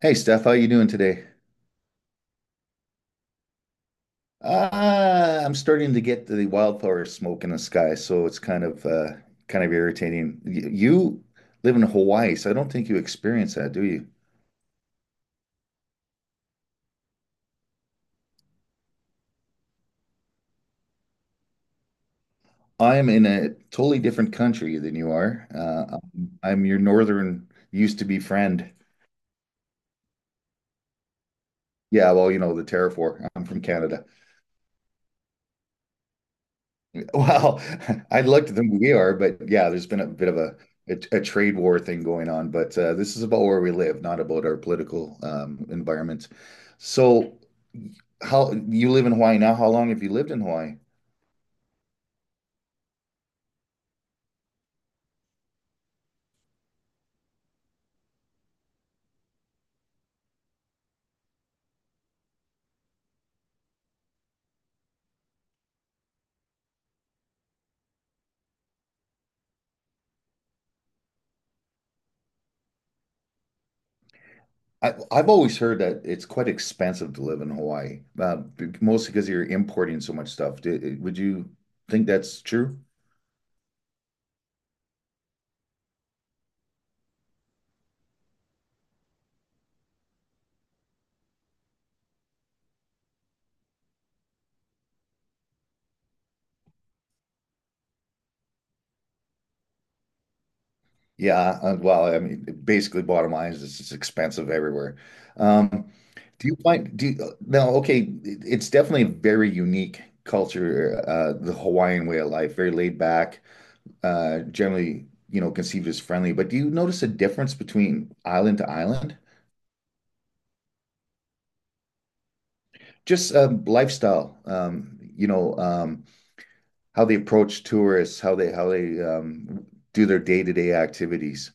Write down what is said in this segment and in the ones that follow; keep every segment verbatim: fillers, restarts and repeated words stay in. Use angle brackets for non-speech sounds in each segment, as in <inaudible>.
Hey Steph, how you doing today? Uh, I'm starting to get the wildflower smoke in the sky, so it's kind of uh, kind of irritating. Y- You live in Hawaii, so I don't think you experience that, do you? I'm in a totally different country than you are. Uh, I'm your northern used to be friend. Yeah, well, you know, the terraform. I'm from Canada. Well, <laughs> I'd like to think we are, but yeah, there's been a bit of a a, a trade war thing going on. But uh, this is about where we live, not about our political um, environment. So, how you live in Hawaii now? How long have you lived in Hawaii? I, I've always heard that it's quite expensive to live in Hawaii, uh, b- mostly because you're importing so much stuff. Do, would you think that's true? Yeah, uh, well, I mean, basically, bottom line is it's just expensive everywhere. Um, do you find do you, now? Okay, it- it's definitely a very unique culture, uh, the Hawaiian way of life, very laid back, uh, generally, you know, conceived as friendly. But do you notice a difference between island to island? Just um, lifestyle, um, you know, um, how they approach tourists, how they how they um, do their day-to-day activities.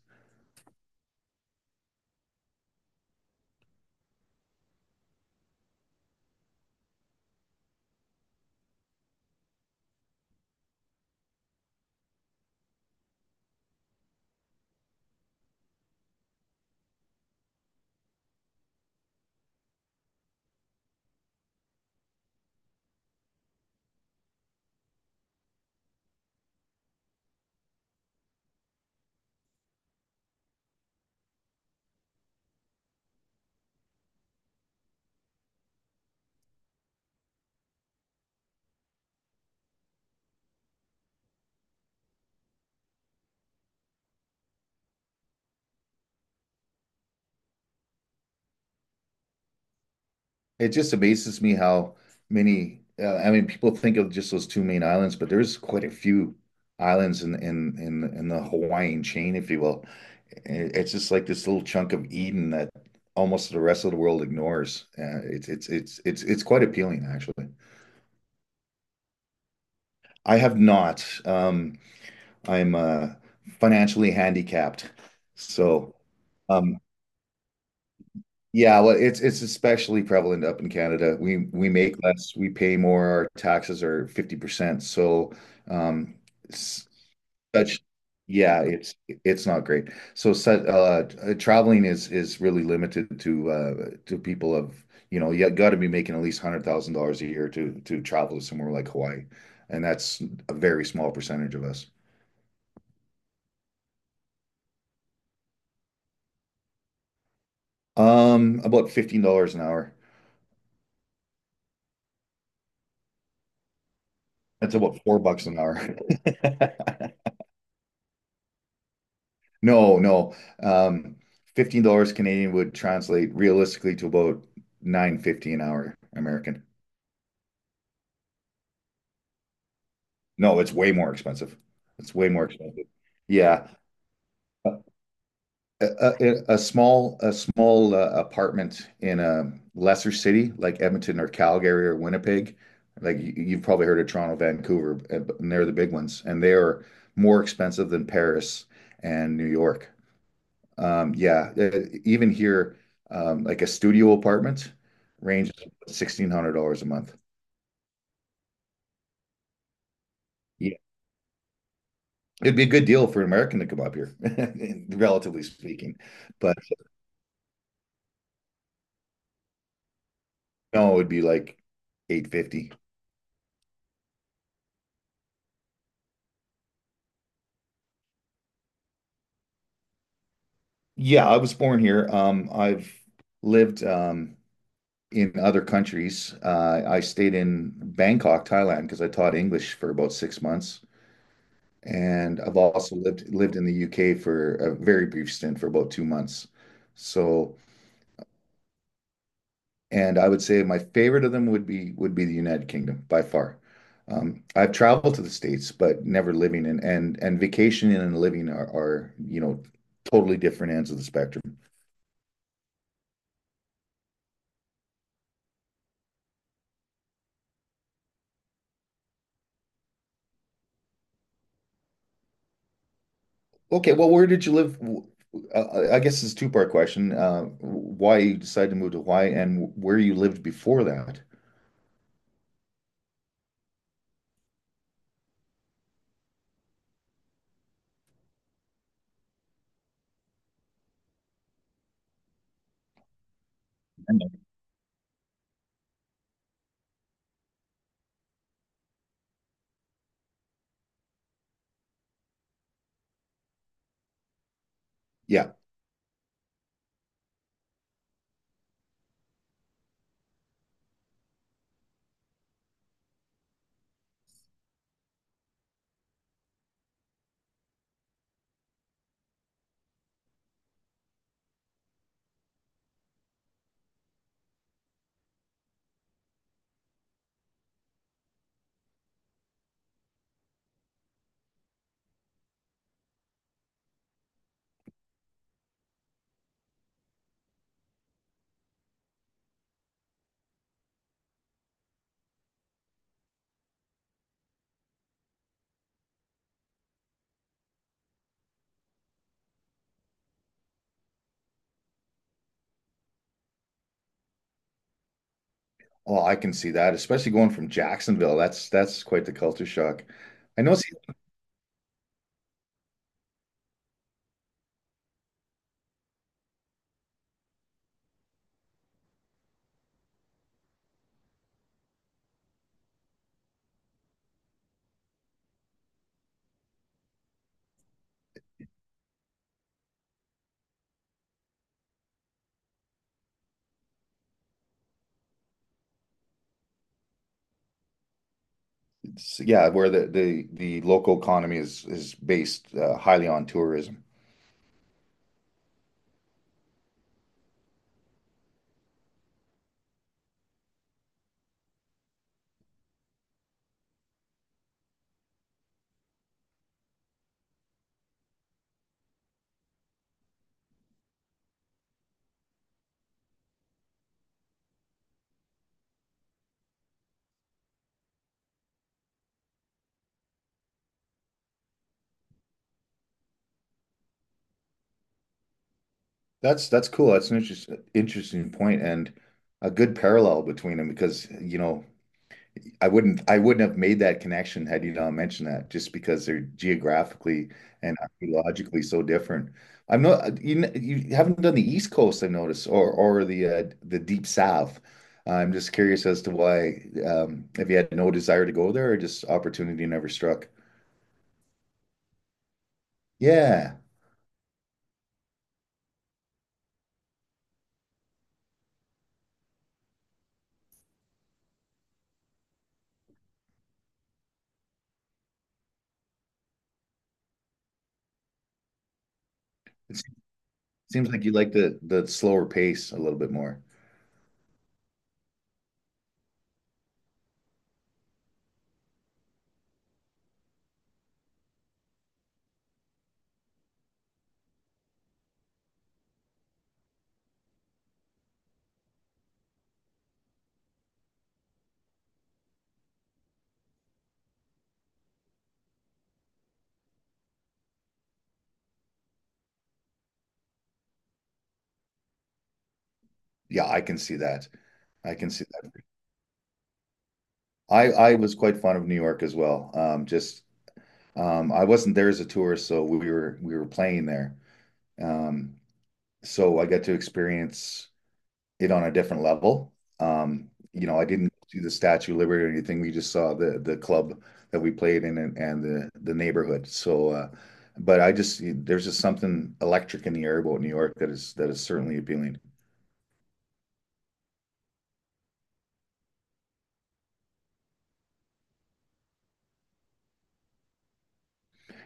It just amazes me how many, uh, I mean, people think of just those two main islands, but there's quite a few islands in in in, in the Hawaiian chain, if you will. It- It's just like this little chunk of Eden that almost the rest of the world ignores. Uh, it's it's it's it's it's quite appealing, actually. I have not. Um, I'm uh, Financially handicapped, so. Um, Yeah, well, it's it's especially prevalent up in Canada. We we make less, we pay more, our taxes are fifty percent. So, um, s- such yeah, it's it's not great. So, such uh, uh, traveling is is really limited to uh to people of, you know, you got to be making at least one hundred thousand dollars a year to to travel to somewhere like Hawaii, and that's a very small percentage of us. Um, about fifteen dollars an hour. That's about four bucks an hour. <laughs> No, no. Um, fifteen dollars Canadian would translate realistically to about nine fifty an hour American. No, it's way more expensive. It's way more expensive. Yeah. A, a, a a small a small uh, apartment in a lesser city like Edmonton or Calgary or Winnipeg, like you, you've probably heard of Toronto, Vancouver, uh, and they're the big ones, and they are more expensive than Paris and New York. Um, Yeah, uh, Even here, um, like a studio apartment ranges sixteen hundred dollars a month. Yeah, it'd be a good deal for an American to come up here, <laughs> relatively speaking. But no, it'd be like eight fifty. Yeah, I was born here. Um, I've lived um, in other countries. Uh, I stayed in Bangkok, Thailand, because I taught English for about six months, and I've also lived lived in the U K for a very brief stint for about two months. So, and I would say my favorite of them would be would be the United Kingdom by far. Um, I've traveled to the States, but never living in, and and vacationing and living are, are, you know, totally different ends of the spectrum. Okay, well, where did you live? Uh, I guess it's a two-part question. Uh, why you decided to move to Hawaii and where you lived before that? Yeah, well, I can see that, especially going from Jacksonville. That's that's quite the culture shock. I know it's. So, yeah, where the the the local economy is is based uh, highly on tourism. That's that's cool. That's an interest interesting point, and a good parallel between them because you know I wouldn't I wouldn't have made that connection had you not mentioned that just because they're geographically and archaeologically so different. I'm not, you you haven't done the East Coast I've noticed, or or the uh, the Deep South. I'm just curious as to why um, if you had no desire to go there or just opportunity never struck. Yeah. Seems like you like the the slower pace a little bit more. Yeah, I can see that. I can see that. I I was quite fond of New York as well. Um, just um, I wasn't there as a tourist, so we were we were playing there. Um, so I got to experience it on a different level. Um, you know, I didn't do the Statue of Liberty or anything. We just saw the the club that we played in, and, and the the neighborhood. So, uh, but I just there's just something electric in the air about New York that is that is certainly appealing.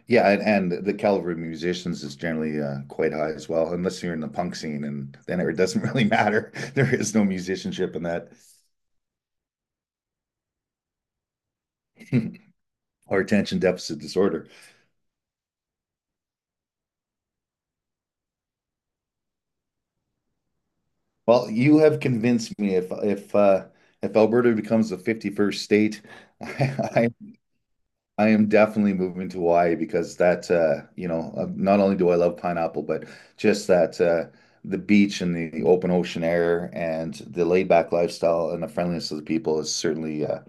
Yeah, and, and the caliber of musicians is generally uh, quite high as well, unless you're in the punk scene, and then it doesn't really matter. <laughs> There is no musicianship in that. <laughs> Or attention deficit disorder. Well, you have convinced me. If if uh, if Alberta becomes the fifty-first state, <laughs> I, I I am definitely moving to Hawaii because that, uh, you know, uh, not only do I love pineapple, but just that uh, the beach, and the open ocean air, and the laid back lifestyle, and the friendliness of the people is certainly, uh,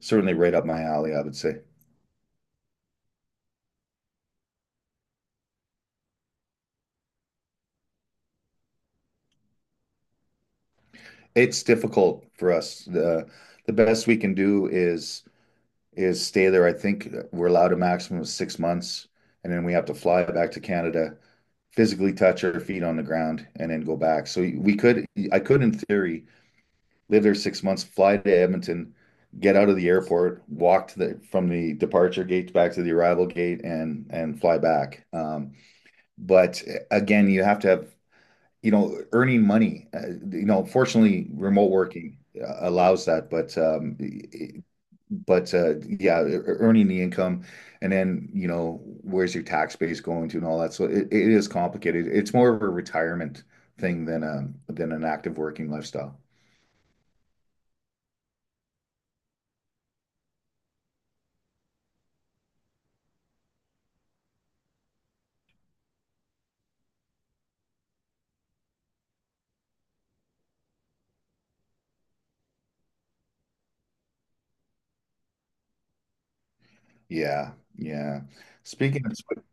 certainly right up my alley, I would say. It's difficult for us. The, the best we can do is is stay there. I think we're allowed a maximum of six months, and then we have to fly back to Canada, physically touch our feet on the ground, and then go back. So we could, I could, in theory, live there six months, fly to Edmonton, get out of the airport, walk to the from the departure gate back to the arrival gate, and and fly back. Um, but uh, again, you have to have, you know, earning money. Uh, you know, fortunately, remote working uh, allows that, but um, it- but uh, yeah, e- e, earning the income, and then you know where's your tax base going to and all that. So it, it is complicated. It's more of a retirement thing than um than an active working lifestyle. Yeah, yeah. Speaking of, sp-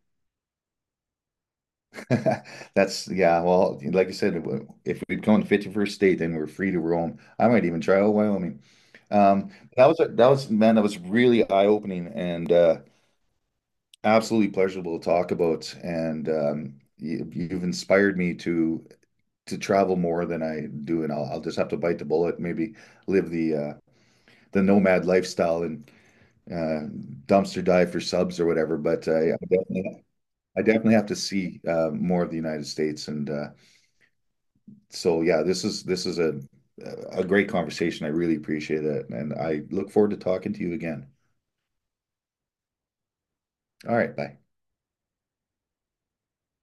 <laughs> that's yeah. Well, like you said, if we'd would gone fifty-first state, then we're free to roam. I might even try out Wyoming. Um, that was a, that was man, that was really eye-opening and uh, absolutely pleasurable to talk about. And um, you, you've inspired me to to travel more than I do, and I'll, I'll just have to bite the bullet, maybe live the uh, the nomad lifestyle and uh, dumpster dive for subs or whatever. But uh, yeah, I definitely have to see uh, more of the United States, and uh, so yeah, this is this is a a great conversation. I really appreciate it, and I look forward to talking to you again. All right, bye.